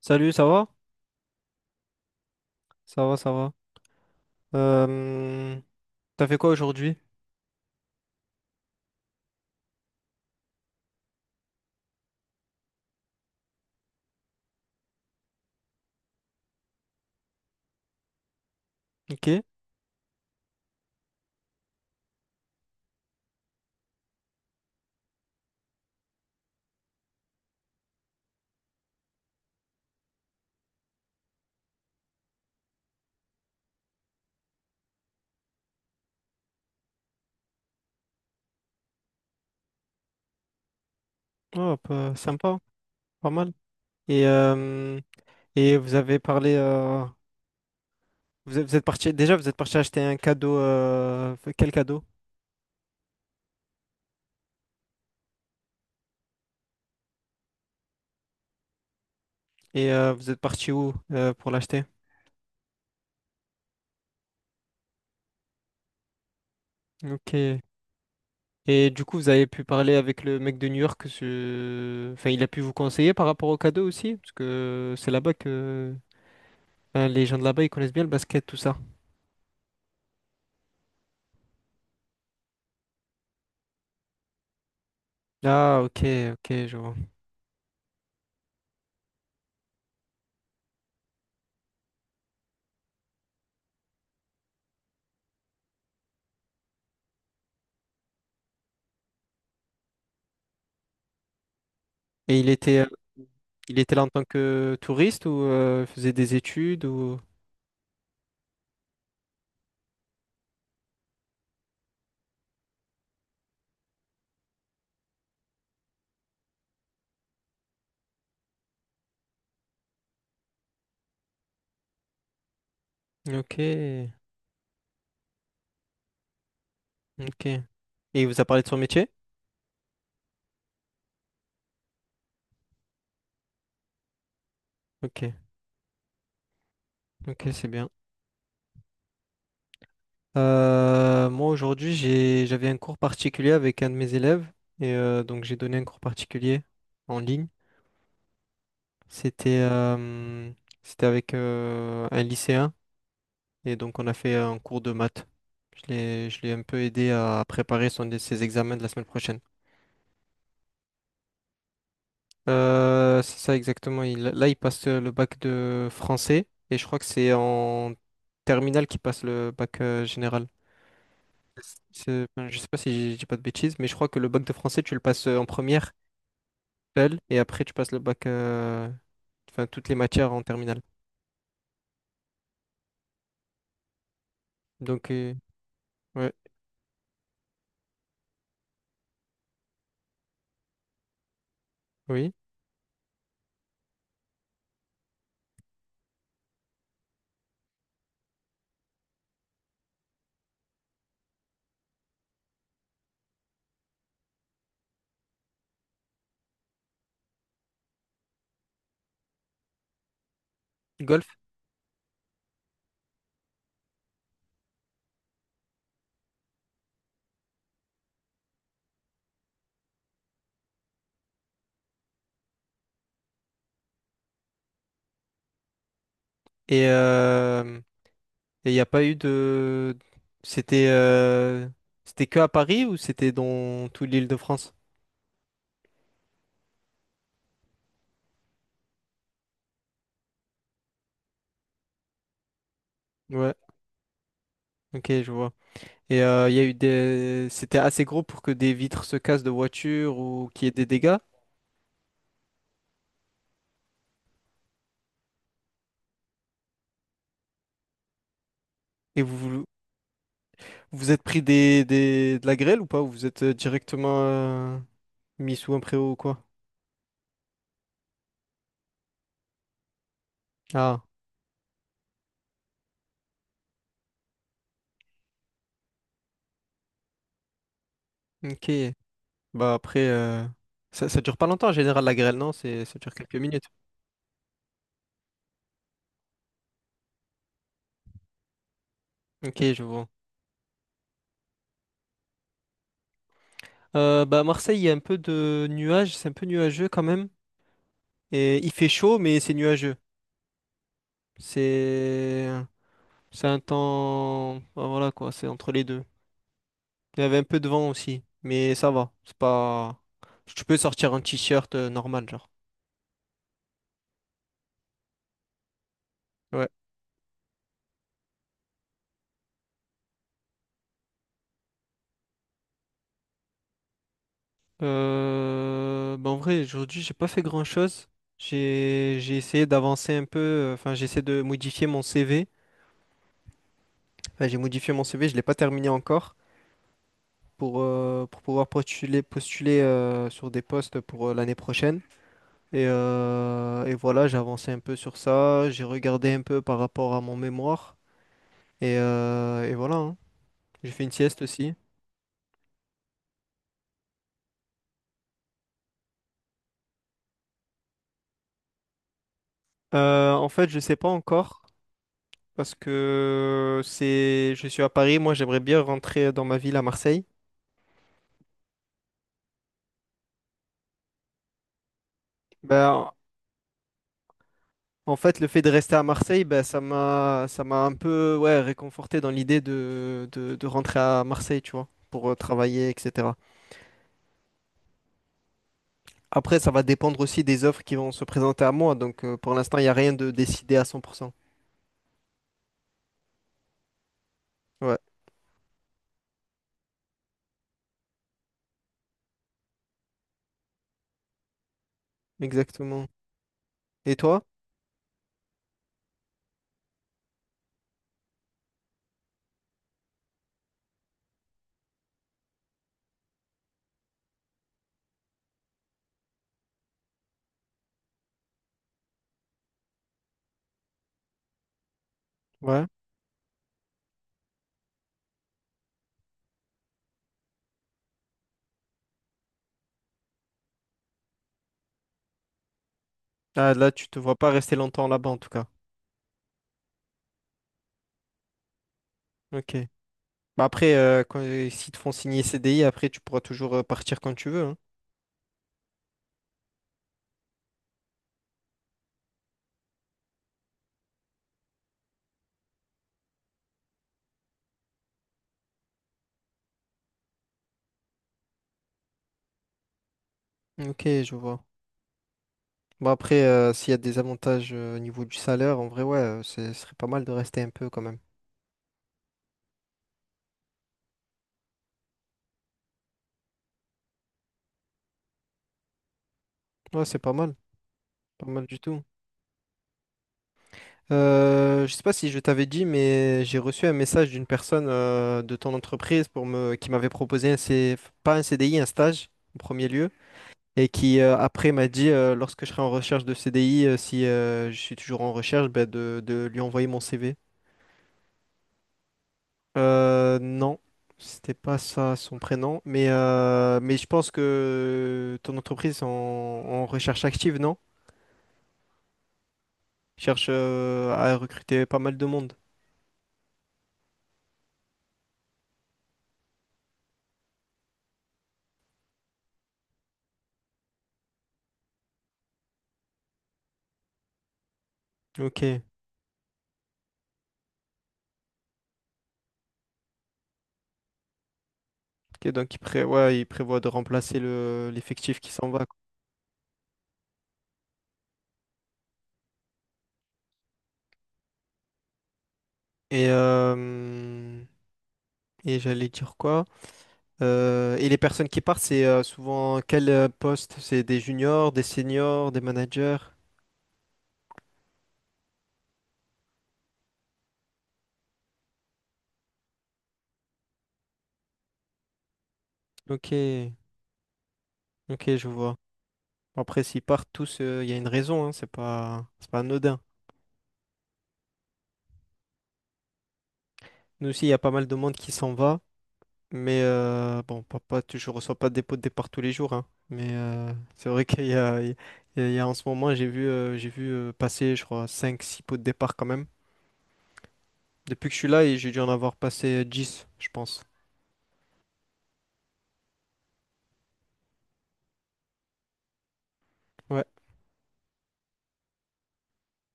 Salut, ça va? Ça va, ça va. Euh, T'as fait quoi aujourd'hui? Ok. Oh, sympa, pas mal. Et, euh, et vous avez parlé. Vous êtes parti, déjà, vous êtes parti acheter un cadeau. Quel cadeau? Et vous êtes parti où pour l'acheter? Ok. Et du coup, vous avez pu parler avec le mec de New York. Enfin, il a pu vous conseiller par rapport au cadeau aussi? Parce que c'est là-bas que. Enfin, les gens de là-bas, ils connaissent bien le basket, tout ça. Ah, ok, ok, je vois. Et il était. Il était là en tant que touriste ou il faisait des études ou... Ok, ok. Et il vous a parlé de son métier? Ok, ok, c'est bien. Moi aujourd'hui j'avais un cours particulier avec un de mes élèves et donc j'ai donné un cours particulier en ligne. C'était euh, c'était avec un lycéen et donc on a fait un cours de maths. Je l'ai un peu aidé à préparer ses examens de la semaine prochaine. C'est ça exactement. Là, il passe le bac de français et je crois que c'est en terminale qu'il passe le bac général. Enfin, je sais pas si je dis pas de bêtises, mais je crois que le bac de français, tu le passes en première seul et après tu passes le bac, enfin toutes les matières en terminale. Donc, ouais, oui, golf. Et euh, et il n'y a pas eu de. C'était euh, c'était que à Paris ou c'était dans toute l'Île-de-France? Ouais, ok, je vois. Et il y a eu des... C'était assez gros pour que des vitres se cassent de voiture ou qu'il y ait des dégâts. Et vous vous êtes pris de la grêle ou pas? Ou vous êtes directement mis sous un préau ou quoi? Ah, ok. Bah après, ça dure pas longtemps en général la grêle, non? Ça dure quelques minutes. Ok, je vois. Bah à Marseille, il y a un peu de nuages, c'est un peu nuageux quand même. Et il fait chaud, mais c'est nuageux. C'est, c'est un temps, bah, voilà quoi, c'est entre les deux. Il y avait un peu de vent aussi, mais ça va. C'est pas. Tu peux sortir un t-shirt normal, genre. Ouais. Bah, en vrai, aujourd'hui, j'ai pas fait grand-chose. J'ai essayé d'avancer un peu. Enfin, j'ai essayé de modifier mon CV. Enfin, j'ai modifié mon CV, je l'ai pas terminé encore pour pouvoir postuler sur des postes pour l'année prochaine. Et voilà, j'ai avancé un peu sur ça. J'ai regardé un peu par rapport à mon mémoire. Et voilà, hein. J'ai fait une sieste aussi. En fait, je sais pas encore parce que je suis à Paris. Moi, j'aimerais bien rentrer dans ma ville à Marseille. Ben, en fait, le fait de rester à Marseille, ben, ça m'a un peu, ouais, réconforté dans l'idée de rentrer à Marseille, tu vois, pour travailler, etc. Après, ça va dépendre aussi des offres qui vont se présenter à moi. Donc, pour l'instant, il n'y a rien de décidé à 100%. Ouais, exactement. Et toi? Ouais. Ah, là, tu te vois pas rester longtemps là-bas, en tout cas. Ok. Bah après, s'ils te font signer CDI, après, tu pourras toujours partir quand tu veux, hein. Ok, je vois. Bah après, s'il y a des avantages au niveau du salaire, en vrai, ouais, ce serait pas mal de rester un peu quand même. Ouais, c'est pas mal. Pas mal du tout. Je sais pas si je t'avais dit, mais j'ai reçu un message d'une personne de ton entreprise pour qui m'avait proposé un pas un CDI, un stage en premier lieu. Et qui après m'a dit, lorsque je serai en recherche de CDI, si je suis toujours en recherche, bah, de lui envoyer mon CV. Non, c'était pas ça son prénom, mais je pense que ton entreprise en recherche active, non? Cherche à recruter pas mal de monde. Ok, ok, donc ouais, il prévoit de remplacer l'effectif qui s'en va, quoi. Et, euh, et j'allais dire quoi? Et les personnes qui partent, c'est souvent quel poste? C'est des juniors, des seniors, des managers? Ok, ok, je vois. Bon, après, s'ils partent tous, il y a une raison, hein, c'est pas anodin. Nous aussi, il y a pas mal de monde qui s'en va, mais bon, papa, je reçois pas des pots de départ tous les jours, hein. Mais c'est vrai qu'il y a, il y a- il y a en ce moment, j'ai vu passer, je crois, cinq six pots de départ quand même. Depuis que je suis là, et j'ai dû en avoir passé 10 je pense. Ouais,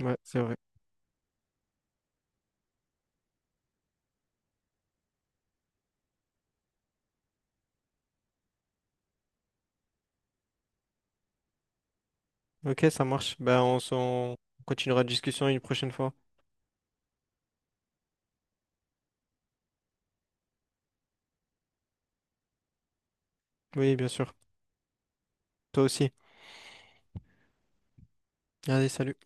ouais, c'est vrai. Ok, ça marche. Ben, on continuera la discussion une prochaine fois. Oui, bien sûr. Toi aussi. Allez, salut.